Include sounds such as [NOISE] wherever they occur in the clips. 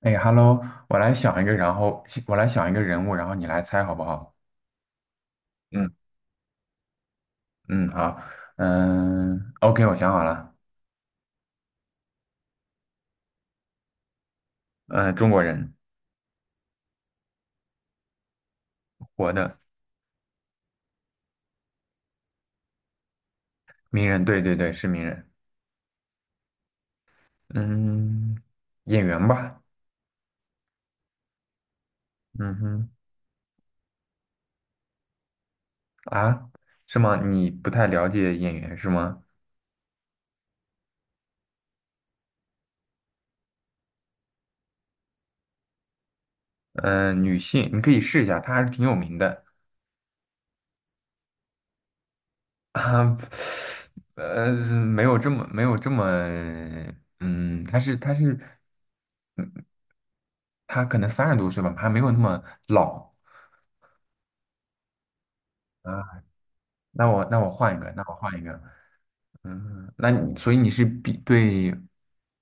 哎，Hello，我来想一个人物，然后你来猜好不好？嗯嗯，好，嗯，OK，我想好了，嗯，中国人，活的，名人，对对对，是名人，嗯，演员吧，嗯哼，啊，是吗？你不太了解演员是吗？嗯，女性，你可以试一下，她还是挺有名的。 [LAUGHS] 啊，呃，没有这么，嗯，她是她可能30多岁吧，还没有那么老。啊。那我换一个。嗯，所以你是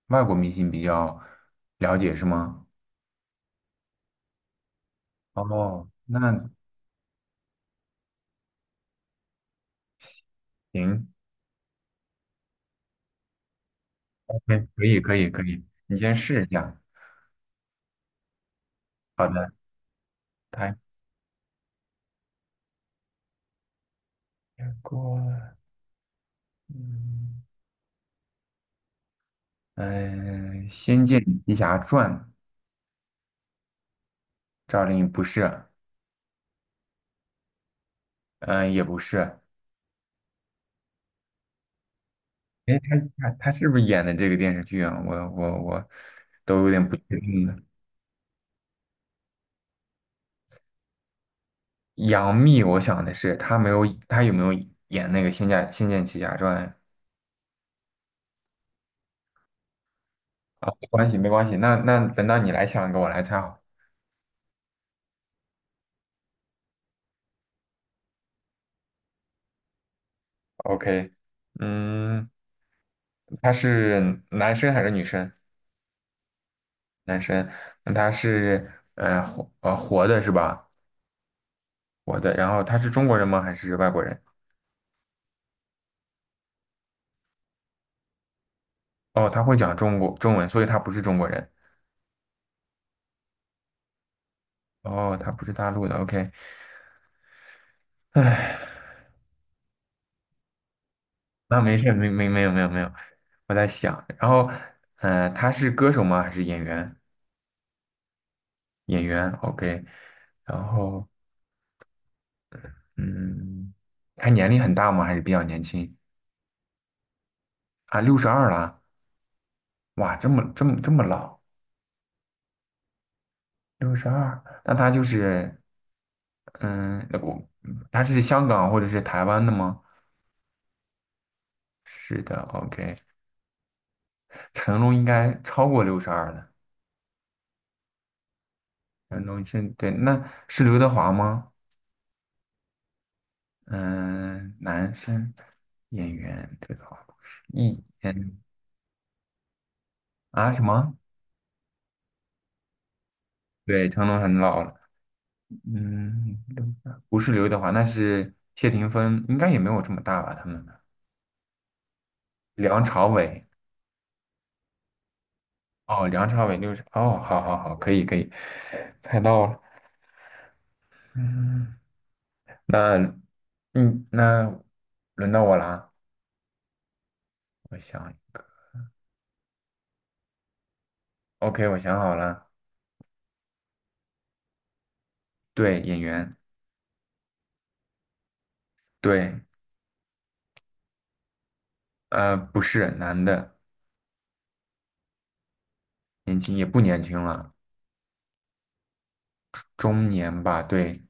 外国明星比较了解是吗？哦，那行 o 可以可以可以，你先试一下。好的，泰国，嗯，嗯，《仙剑奇侠传》赵丽颖不是，嗯、也不是。哎，她是不是演的这个电视剧啊？我都有点不确定了。杨幂，我想的是她没有，她有没有演那个《仙剑奇侠传》啊？没关系，没关系。那等到你来想一个，我来猜好。OK，嗯，他是男生还是女生？男生。那他是活的是吧？活的。然后他是中国人吗？还是外国人？哦，他会讲中国中文，所以他不是中国人。哦，他不是大陆的。OK，那没事，没有，我在想。然后，呃，他是歌手吗？还是演员？演员，OK，然后嗯，他年龄很大吗？还是比较年轻啊？六十二了，哇，这么老，六十二，那他就是嗯，他是香港或者是台湾的吗？是的，OK，成龙应该超过六十二了，成龙是对，那是刘德华吗？嗯，男生演员，对德华不是一嗯啊什么？对，成龙很老了。嗯，不是刘德华，那是谢霆锋，应该也没有这么大吧？他们梁朝伟，哦，梁朝伟六十，哦，好好好，可以可以，猜到了。嗯，那嗯，那轮到我啦，我想一个，OK，我想好了，对，演员，对，呃，不是男的，年轻也不年轻了，中年吧，对，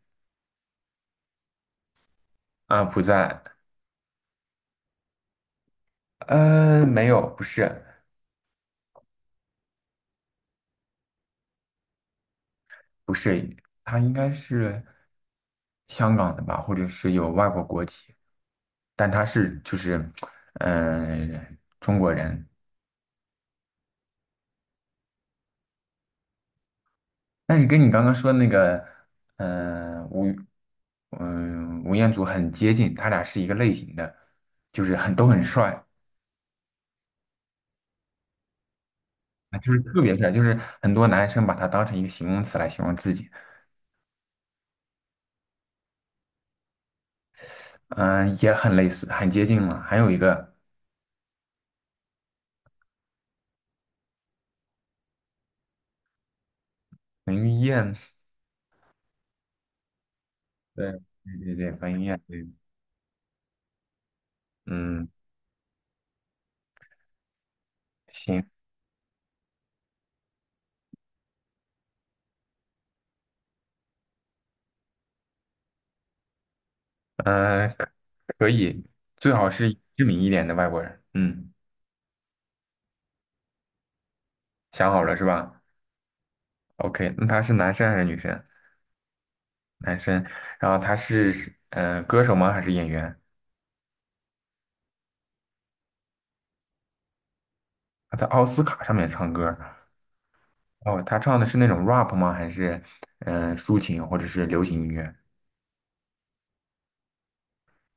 啊、不在，呃，没有，不是，不是，他应该是。香港的吧，或者是有外国国籍，但他是就是，嗯，中国人。但是跟你刚刚说的那个，嗯，吴，吴彦祖很接近，他俩是一个类型的，就是都很帅，啊就是特别帅，就是很多男生把他当成一个形容词来形容自己，嗯、也很类似，很接近嘛。还有一个彭于晏，对，对对对，彭于晏，对，嗯，行，嗯、可以，最好是知名一点的外国人。嗯，想好了是吧？OK，那他是男生还是女生？男生。然后他是歌手吗？还是演员？他在奥斯卡上面唱歌。哦，他唱的是那种 rap 吗？还是抒情或者是流行音乐？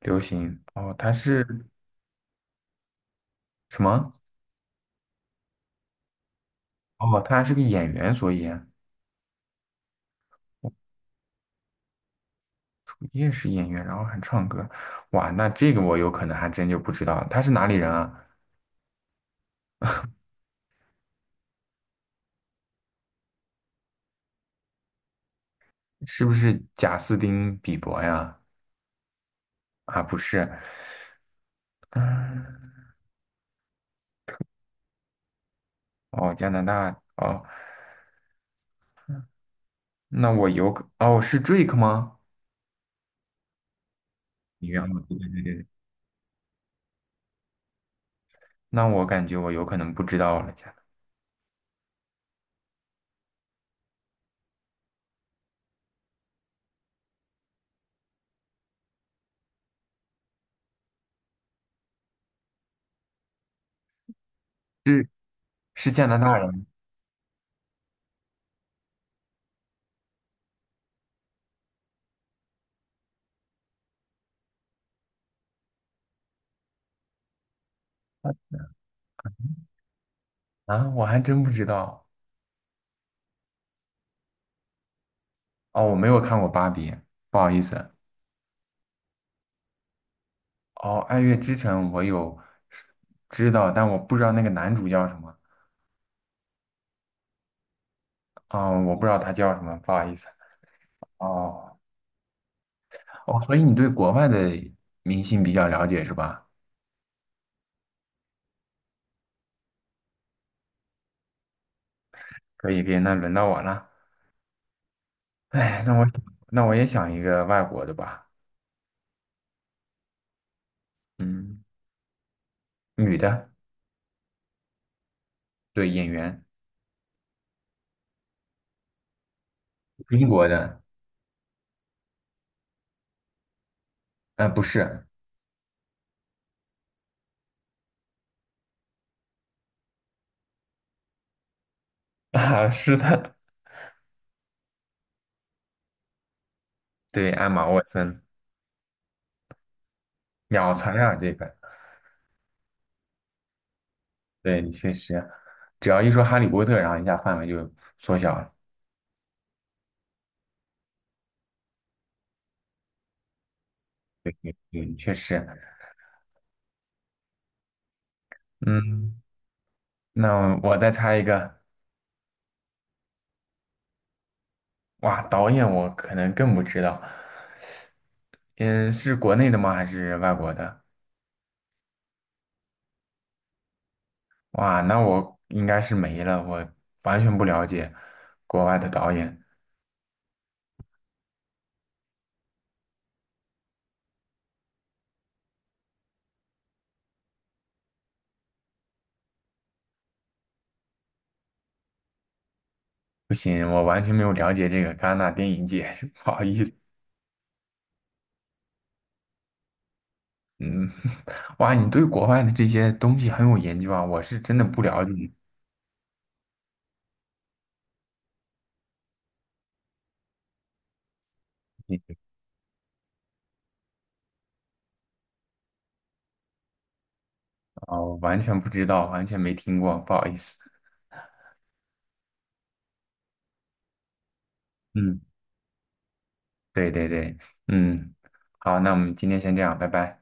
流行。哦，他是什么？哦，他是个演员，所以我主业是演员，然后还唱歌。哇，那这个我有可能还真就不知道，他是哪里人啊？是不是贾斯汀比伯呀？啊，不是，嗯，哦，加拿大，哦，那我有可哦，是 Drake 吗？你原来对对对对，那我感觉我有可能不知道了，加拿是是加拿大人啊，我还真不知道，哦，我没有看过芭比，不好意思，哦，《爱乐之城》我有知道，但我不知道那个男主叫什么，哦，我不知道他叫什么，不好意思，哦哦，所以你对国外的明星比较了解是吧？可以，可以，那轮到我了。哎，那我也想一个外国的吧，嗯，女的，对，演员，英国的，呃，不是，[LAUGHS] 啊，是的，对，艾玛沃森，秒残啊，这个，对，你确实，只要一说哈利波特，然后一下范围就缩小了，嗯，确实，嗯，那我再猜一个，哇，导演我可能更不知道，嗯，是国内的吗？还是外国的？哇，那我应该是没了，我完全不了解国外的导演。不行，我完全没有了解这个戛纳电影节，[LAUGHS] 不好意思。嗯，[LAUGHS] 哇，你对国外的这些东西很有研究啊，我是真的不了解啊，我完全不知道，完全没听过，不好意思。嗯，对对对，嗯，好，那我们今天先这样，拜拜。